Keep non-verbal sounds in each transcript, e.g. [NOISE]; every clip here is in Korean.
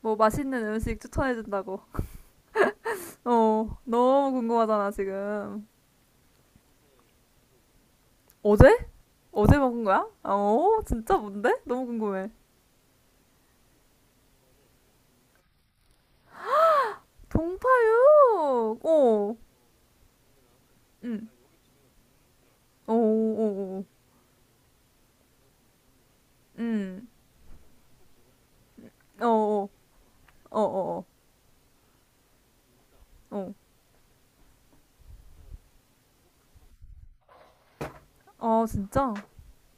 뭐 맛있는 음식 추천해준다고. [LAUGHS] 어, 너무 궁금하잖아, 지금. 어제? 어제 먹은 거야? 아, 어, 진짜 뭔데? 너무 궁금해. 동파육! 어, 응. 어, 어, 어, 어. 응. 어, 어, 어, 어, 어. 어, 아, 진짜?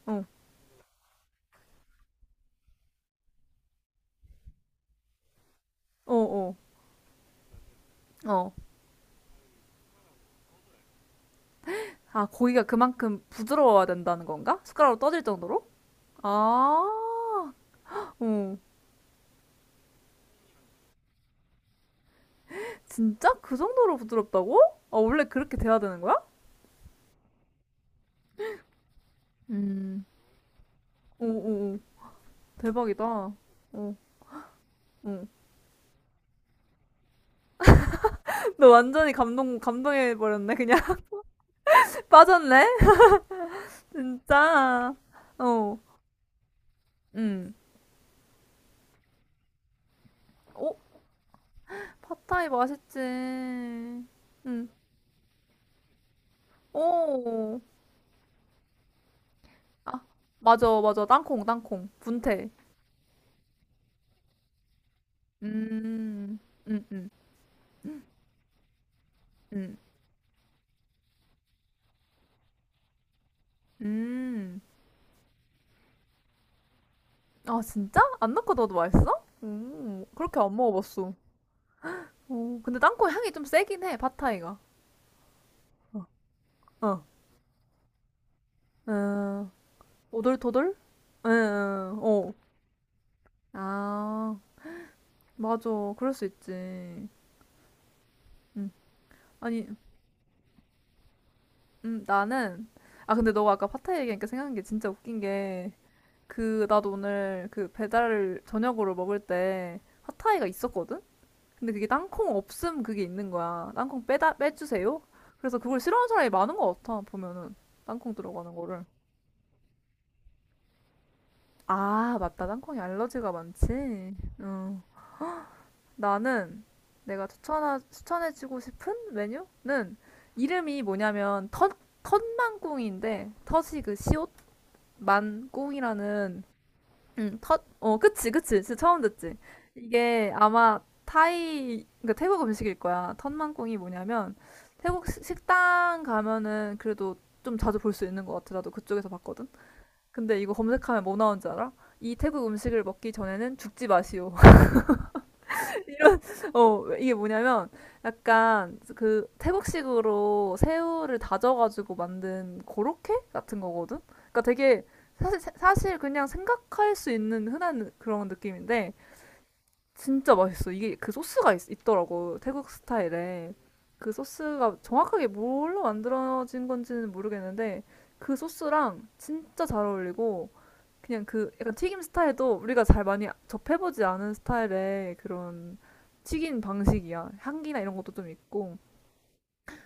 어, 어, 어, 어. 아, 고기가 그만큼 부드러워야 된다는 건가? 숟가락으로 떠질 정도로? 아, 어. 진짜? 그 정도로 부드럽다고? 아, 원래 그렇게 돼야 되는 거야? 음. 오, 오, 오. 대박이다. 어, 응. [LAUGHS] 너 완전히 감동해버렸네, 그냥. [LAUGHS] 빠졌네? [LAUGHS] 진짜. 어, 응. 어, 팟타이 맛있지. 응. 오. 아, 맞아, 맞아. 땅콩, 땅콩. 분태. 음, 음, 음, 음, 음. 아, 진짜? 안 넣고 넣어도 맛있어? 그렇게 안 먹어봤어. 오, 근데 땅콩 향이 좀 세긴 해, 팟타이가. 어, 어. 어. 오돌토돌? 응, 어. 아, 맞아. 그럴 수 있지. 음. 아니, 나는, 아, 근데 너가 아까 파타이 얘기하니까 생각난 게 진짜 웃긴 게, 그, 나도 오늘 그 배달 저녁으로 먹을 때 핫타이가 있었거든? 근데 그게 땅콩 없음 그게 있는 거야. 빼주세요? 그래서 그걸 싫어하는 사람이 많은 것 같아, 보면은. 땅콩 들어가는 거를. 아, 맞다. 땅콩이 알러지가 많지. 응. 나는 내가 추천해주고 싶은 메뉴는 이름이 뭐냐면 텃만꿍인데 텃이 그 시옷 만꿍이라는 텃, 그치, 그치. 진짜 처음 듣지. 이게 아마 그러니까 태국 음식일 거야. 텃만꿍이 뭐냐면 태국 식당 가면은 그래도 좀 자주 볼 수 있는 것 같아. 나도 그쪽에서 봤거든. 근데 이거 검색하면 뭐 나온 줄 알아? 이 태국 음식을 먹기 전에는 죽지 마시오. 이런, [LAUGHS] 이게 뭐냐면, 약간, 그, 태국식으로 새우를 다져가지고 만든 고로케 같은 거거든? 그러니까 되게, 사실 그냥 생각할 수 있는 흔한 그런 느낌인데, 진짜 맛있어. 이게 그 소스가 있더라고, 태국 스타일에. 그 소스가 정확하게 뭘로 만들어진 건지는 모르겠는데, 그 소스랑 진짜 잘 어울리고, 그냥 그 약간 튀김 스타일도 우리가 잘 많이 접해보지 않은 스타일의 그런 튀긴 방식이야. 향기나 이런 것도 좀 있고.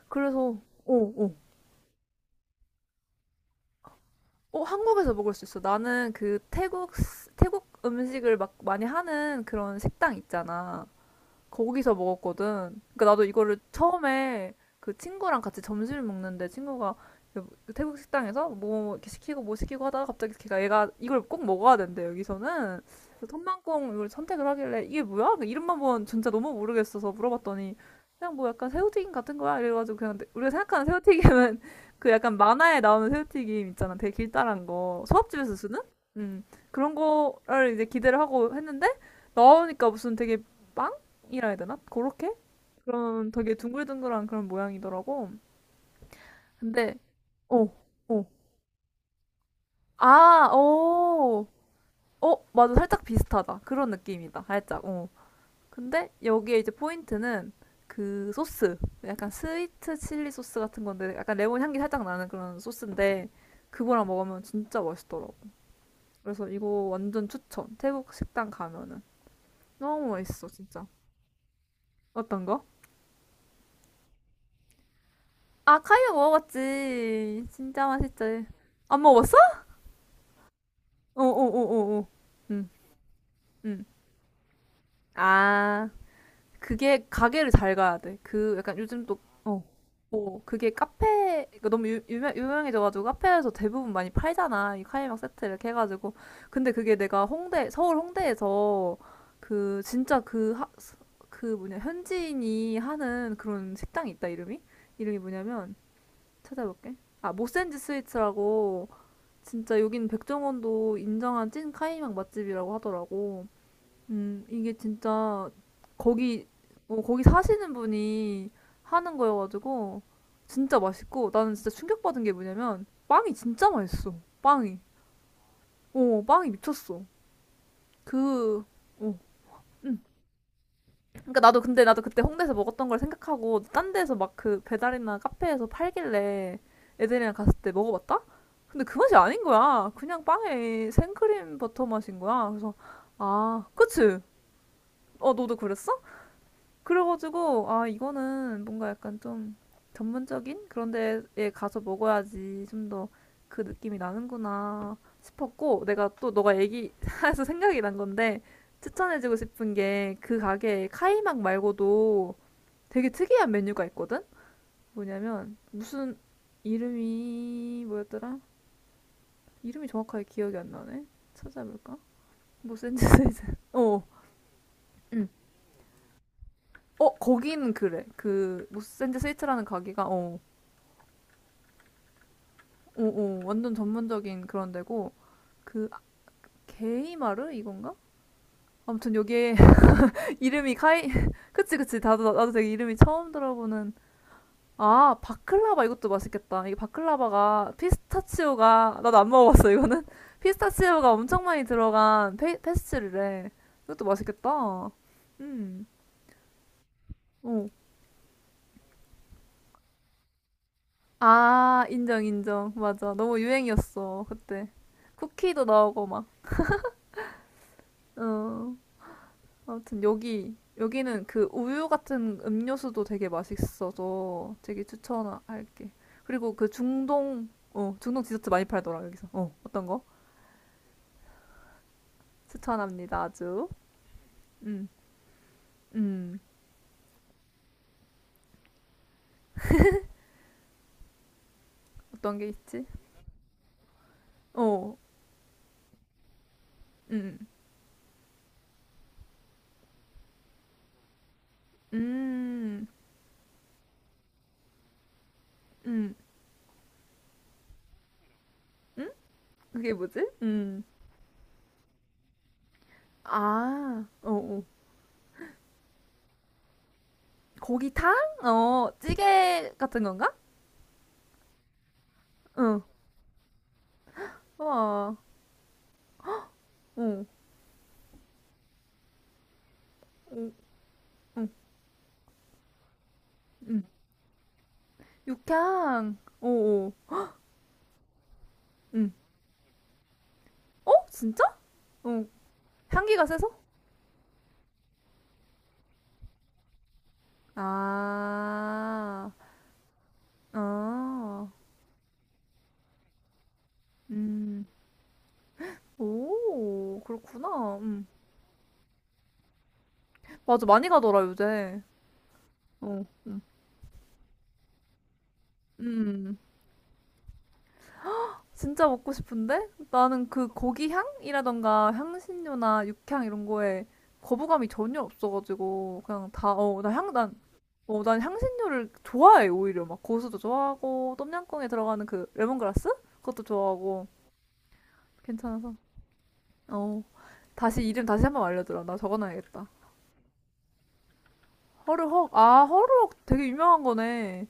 그래서, 오, 오. 어, 한국에서 먹을 수 있어. 나는 그 태국 음식을 막 많이 하는 그런 식당 있잖아. 거기서 먹었거든. 그러니까 나도 이거를 처음에 그 친구랑 같이 점심을 먹는데 친구가 그 태국 식당에서 뭐 이렇게 시키고 뭐 시키고 하다가 갑자기 걔가 얘가 이걸 꼭 먹어야 된대 여기서는 그래서 텀만콩 이걸 선택을 하길래 이게 뭐야? 그 이름만 본 진짜 너무 모르겠어서 물어봤더니 그냥 뭐 약간 새우튀김 같은 거야 이래가지고 그냥 우리가 생각하는 새우튀김은 [LAUGHS] 그 약간 만화에 나오는 새우튀김 있잖아 되게 길다란 거 소밥집에서 쓰는 음 그런 거를 이제 기대를 하고 했는데 나오니까 무슨 되게 빵 이라 해야 되나? 그렇게? 그런 되게 둥글둥글한 그런 모양이더라고. 근데, 어, 어. 아, 어. 어, 맞아. 살짝 비슷하다. 그런 느낌이다. 살짝, 어. 근데 여기에 이제 포인트는 그 소스. 약간 스위트 칠리 소스 같은 건데, 약간 레몬 향기 살짝 나는 그런 소스인데, 그거랑 먹으면 진짜 맛있더라고. 그래서 이거 완전 추천. 태국 식당 가면은. 너무 맛있어, 진짜. 어떤가? 아, 카이오 먹어봤지. 진짜 맛있지. 안 먹어봤어? 어어어어어. 음, 음. 아, 그게 가게를 잘 가야 돼. 그 약간 요즘 또, 어. 그게 카페, 그 너무 유명해져가지고 카페에서 대부분 많이 팔잖아. 이 카이막 세트 이렇게 해가지고. 근데 그게 내가 서울 홍대에서 그 진짜 그, 그 뭐냐, 현지인이 하는 그런 식당이 있다, 이름이? 이름이 뭐냐면, 찾아볼게. 아, 모센지 스위츠라고 진짜 여긴 백종원도 인정한 찐 카이막 맛집이라고 하더라고. 이게 진짜 거기 거기 사시는 분이 하는 거여가지고 진짜 맛있고 나는 진짜 충격받은 게 뭐냐면 빵이 진짜 맛있어. 빵이. 어, 빵이 미쳤어. 그 어, 응. 그러니까 나도 근데 나도 그때 홍대에서 먹었던 걸 생각하고 딴 데서 막 그 배달이나 카페에서 팔길래 애들이랑 갔을 때 먹어봤다? 근데 그 맛이 아닌 거야. 그냥 빵에 생크림 버터 맛인 거야. 그래서 아, 그치? 어, 너도 그랬어? 그래가지고 아 이거는 뭔가 약간 좀 전문적인 그런 데에 가서 먹어야지 좀 더 그 느낌이 나는구나 싶었고 내가 또 너가 얘기해서 [LAUGHS] 생각이 난 건데 추천해주고 싶은 게 그 가게에 카이막 말고도 되게 특이한 메뉴가 있거든? 뭐냐면 무슨 이름이 뭐였더라? 이름이 정확하게 기억이 안 나네. 찾아볼까? 모센즈 스위트. [LAUGHS] 어. 응. 어, 거기는 그래. 그 모센즈 스위트라는 가게가 어. 오오 완전 전문적인 그런 데고 그 아, 게이마르 이건가? 아무튼 여기에 [LAUGHS] 이름이 카이 [LAUGHS] 그치 그치 나도 되게 이름이 처음 들어보는 아 바클라바 이것도 맛있겠다 이게 바클라바가 피스타치오가 나도 안 먹어봤어 이거는 [LAUGHS] 피스타치오가 엄청 많이 들어간 페스츄리래 이것도 맛있겠다 음어아 인정 인정 맞아 너무 유행이었어 그때 쿠키도 나오고 막 어. 아무튼 여기는 그 우유 같은 음료수도 되게 맛있어서 되게 추천할게. 그리고 그 중동 디저트 많이 팔더라 여기서. 어떤 거? 추천합니다 아주. 음, 음. 어떤 게 있지? 어, 음, 음, 음? 음? 그게 뭐지? 아, 어, 어. 고기탕? 어, 찌개 같은 건가? 응, 와, 어, 어, 어, 음, 육향, 어, 어, 음. 어? 진짜? 어. 향기가 세서? 아, 아, 음, 오, 그렇구나. 맞아, 많이 가더라, 요새. 어, 음. 진짜 먹고 싶은데? 나는 그 고기 향이라던가 향신료나 육향 이런 거에 거부감이 전혀 없어가지고, 그냥 다, 어, 난 향신료를 좋아해, 오히려. 막 고수도 좋아하고, 똠양꿍에 들어가는 그 레몬그라스? 그것도 좋아하고, 괜찮아서. 어. 다시 이름 다시 한번 알려주라. 나 적어놔야겠다. 허르헉. 아, 허르헉 되게 유명한 거네.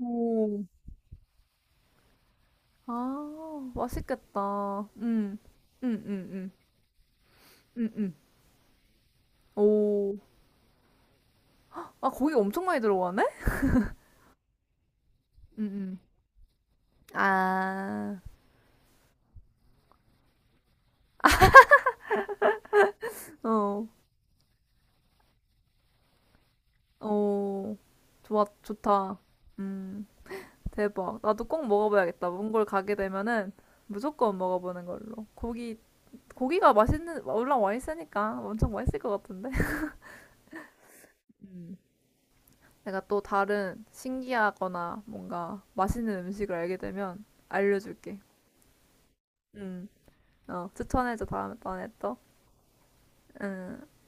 오, 아, 맛있겠다. 음, 음, 음, 음, 음. 오. 아, 고기 엄청 많이 들어가네? 음, 음. 아, 어, 어. 좋아, 좋다. 음, 대박. 나도 꼭 먹어봐야겠다. 몽골 가게 되면은 무조건 먹어보는 걸로. 고기가 맛있는, 올라와 있으니까 엄청 맛있을 것 같은데? [LAUGHS] 음. 내가 또 다른 신기하거나 뭔가 맛있는 음식을 알게 되면 알려줄게. 응. 어, 추천해줘 다음에 또. 응.